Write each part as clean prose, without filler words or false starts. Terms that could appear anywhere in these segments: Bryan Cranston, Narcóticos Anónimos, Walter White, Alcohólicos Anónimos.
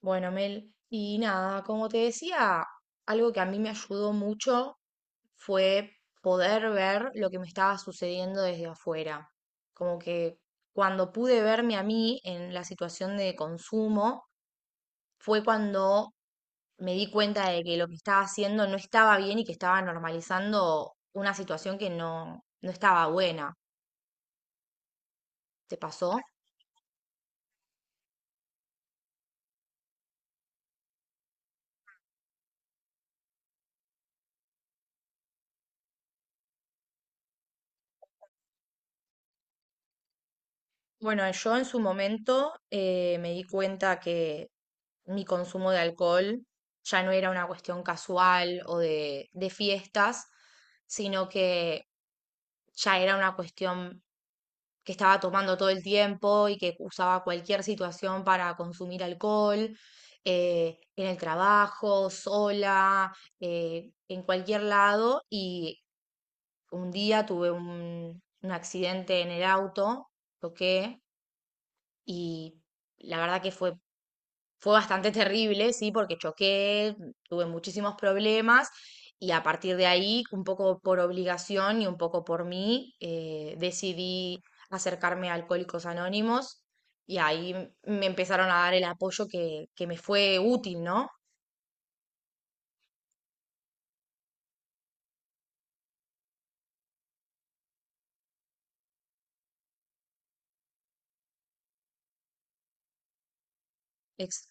Bueno, Mel, y nada, como te decía, algo que a mí me ayudó mucho fue poder ver lo que me estaba sucediendo desde afuera. Como que cuando pude verme a mí en la situación de consumo, fue cuando me di cuenta de que lo que estaba haciendo no estaba bien y que estaba normalizando una situación que no, no estaba buena. ¿Te pasó? Bueno, yo en su momento me di cuenta que mi consumo de alcohol ya no era una cuestión casual o de fiestas, sino que ya era una cuestión que estaba tomando todo el tiempo y que usaba cualquier situación para consumir alcohol, en el trabajo, sola, en cualquier lado. Y un día tuve un accidente en el auto. Choqué y la verdad que fue bastante terrible, sí, porque choqué, tuve muchísimos problemas y a partir de ahí, un poco por obligación y un poco por mí, decidí acercarme a Alcohólicos Anónimos y ahí me empezaron a dar el apoyo que me fue útil, ¿no? Ex-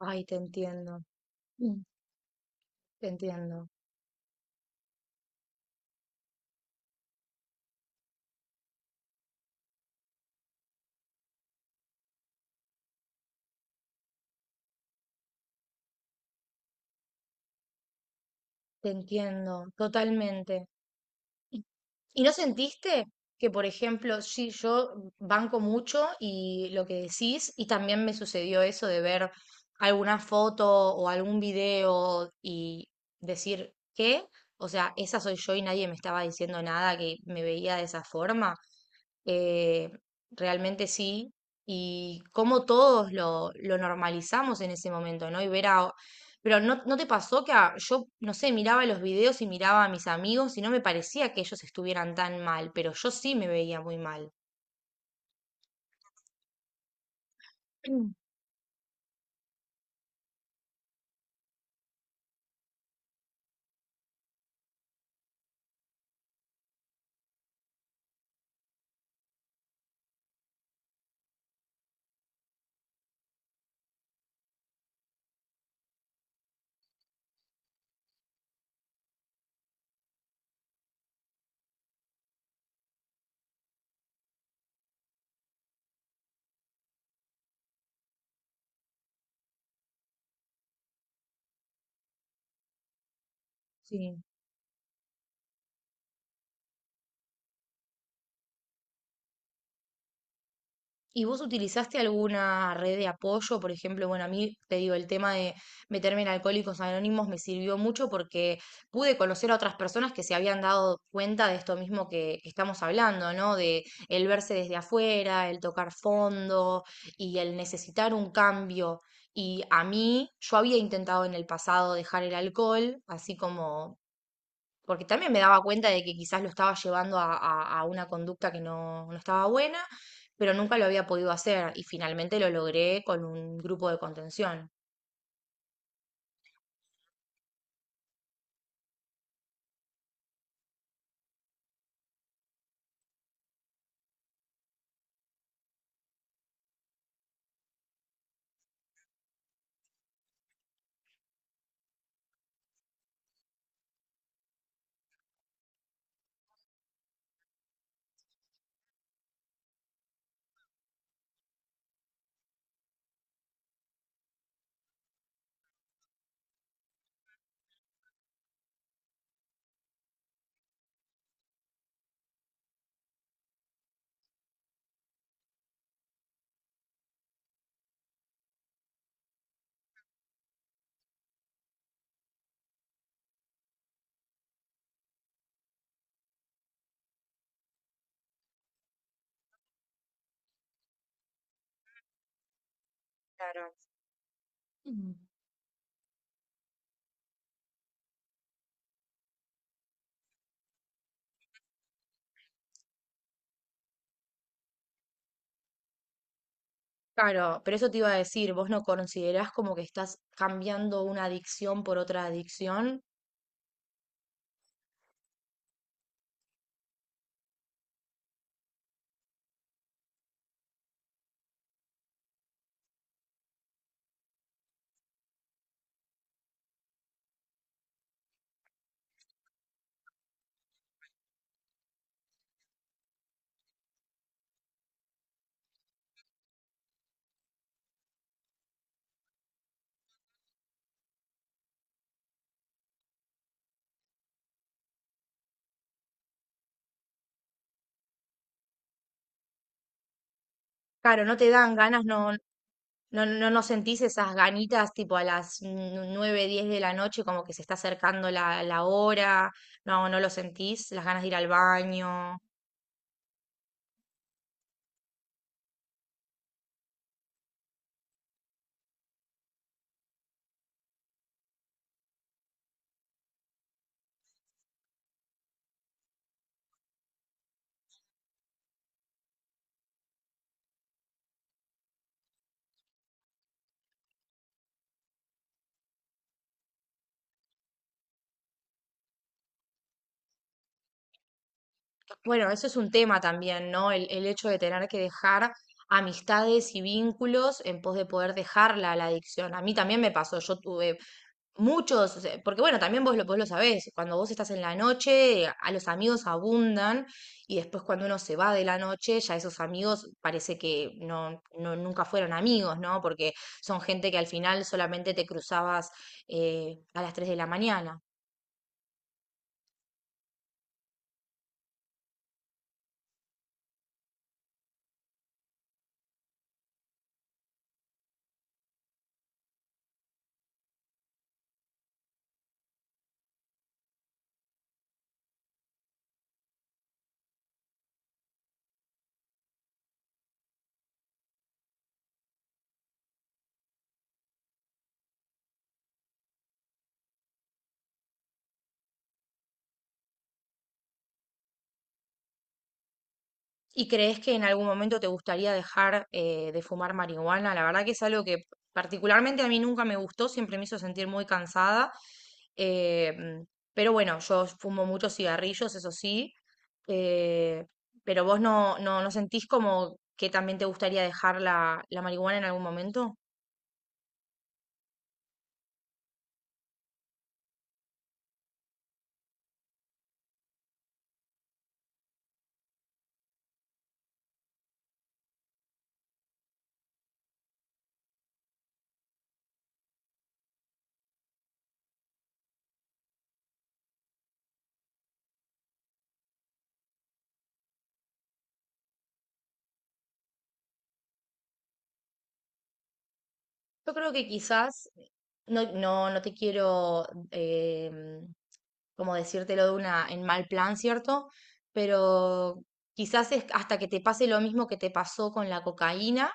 Ay, te entiendo. Mm. Te entiendo, te entiendo, totalmente. ¿Y y no sentiste que, por ejemplo? Sí, yo banco mucho y lo que decís, y también me sucedió eso de ver alguna foto o algún video y decir, ¿qué? O sea, esa soy yo y nadie me estaba diciendo nada, que me veía de esa forma. Eh, Realmente sí. Y como todos lo normalizamos en ese momento, ¿no? Pero ¿no te pasó que yo, no sé, miraba los videos y miraba a mis amigos y no me parecía que ellos estuvieran tan mal, pero yo sí me veía muy mal? Sí. ¿Y vos utilizaste alguna red de apoyo? Por ejemplo, bueno, a mí te digo, el tema de meterme en Alcohólicos Anónimos me sirvió mucho porque pude conocer a otras personas que se habían dado cuenta de esto mismo que estamos hablando, ¿no? De el verse desde afuera, el tocar fondo y el necesitar un cambio. Y a mí, yo había intentado en el pasado dejar el alcohol, así como porque también me daba cuenta de que quizás lo estaba llevando a una conducta que no, no estaba buena, pero nunca lo había podido hacer y finalmente lo logré con un grupo de contención. Claro. Mm. Claro, pero eso te iba a decir, ¿vos no considerás como que estás cambiando una adicción por otra adicción? Claro, no te dan ganas. No, no, no, no sentís esas ganitas tipo a las 9, 10 de la noche, como que se está acercando la hora. No, no lo sentís, las ganas de ir al baño. Bueno, eso es un tema también, ¿no? El hecho de tener que dejar amistades y vínculos en pos de poder dejarla la adicción. A mí también me pasó. Yo tuve muchos, o sea, porque bueno, también vos lo sabés, cuando vos estás en la noche, a los amigos abundan, y después cuando uno se va de la noche, ya esos amigos parece que no nunca fueron amigos, ¿no? Porque son gente que al final solamente te cruzabas a las 3 de la mañana. ¿Y crees que en algún momento te gustaría dejar de fumar marihuana? La verdad que es algo que particularmente a mí nunca me gustó, siempre me hizo sentir muy cansada. eh, mm, pero bueno, yo fumo muchos cigarrillos, eso sí. eh, pero vos no sentís como que también te gustaría dejar la marihuana en algún momento? Yo creo que quizás, no te quiero, eh, como decírtelo de una, en mal plan, ¿cierto? Pero quizás es hasta que te pase lo mismo que te pasó con la cocaína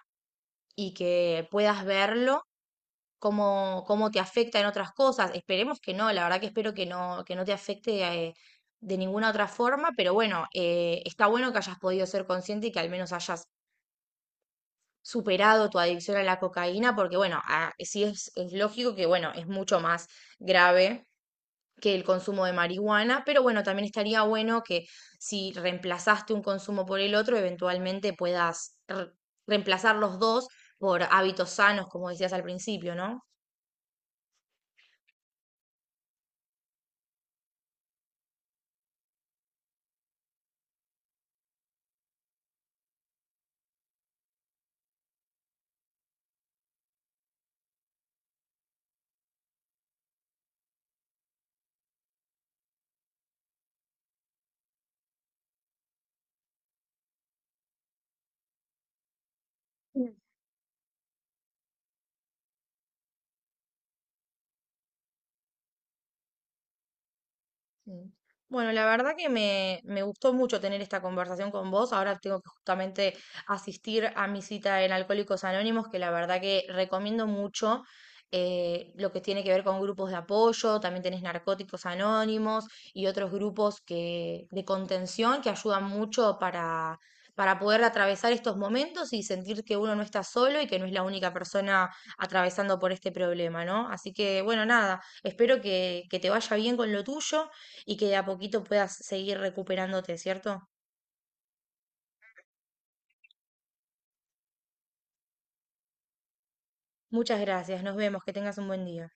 y que puedas verlo, cómo te afecta en otras cosas. Esperemos que no, la verdad que espero que no te afecte de ninguna otra forma. Pero bueno, está bueno que hayas podido ser consciente y que al menos hayas superado tu adicción a la cocaína, porque bueno, sí es lógico que, bueno, es mucho más grave que el consumo de marihuana. Pero bueno, también estaría bueno que, si reemplazaste un consumo por el otro, eventualmente puedas reemplazar los dos por hábitos sanos, como decías al principio, ¿no? Sí. Bueno, la verdad que me gustó mucho tener esta conversación con vos. Ahora tengo que justamente asistir a mi cita en Alcohólicos Anónimos, que la verdad que recomiendo mucho lo que tiene que ver con grupos de apoyo. También tenés Narcóticos Anónimos y otros grupos, que de contención, que ayudan mucho para poder atravesar estos momentos y sentir que uno no está solo y que no es la única persona atravesando por este problema, ¿no? Así que, bueno, nada, espero que te vaya bien con lo tuyo y que de a poquito puedas seguir recuperándote, ¿cierto? Muchas gracias, nos vemos, que tengas un buen día.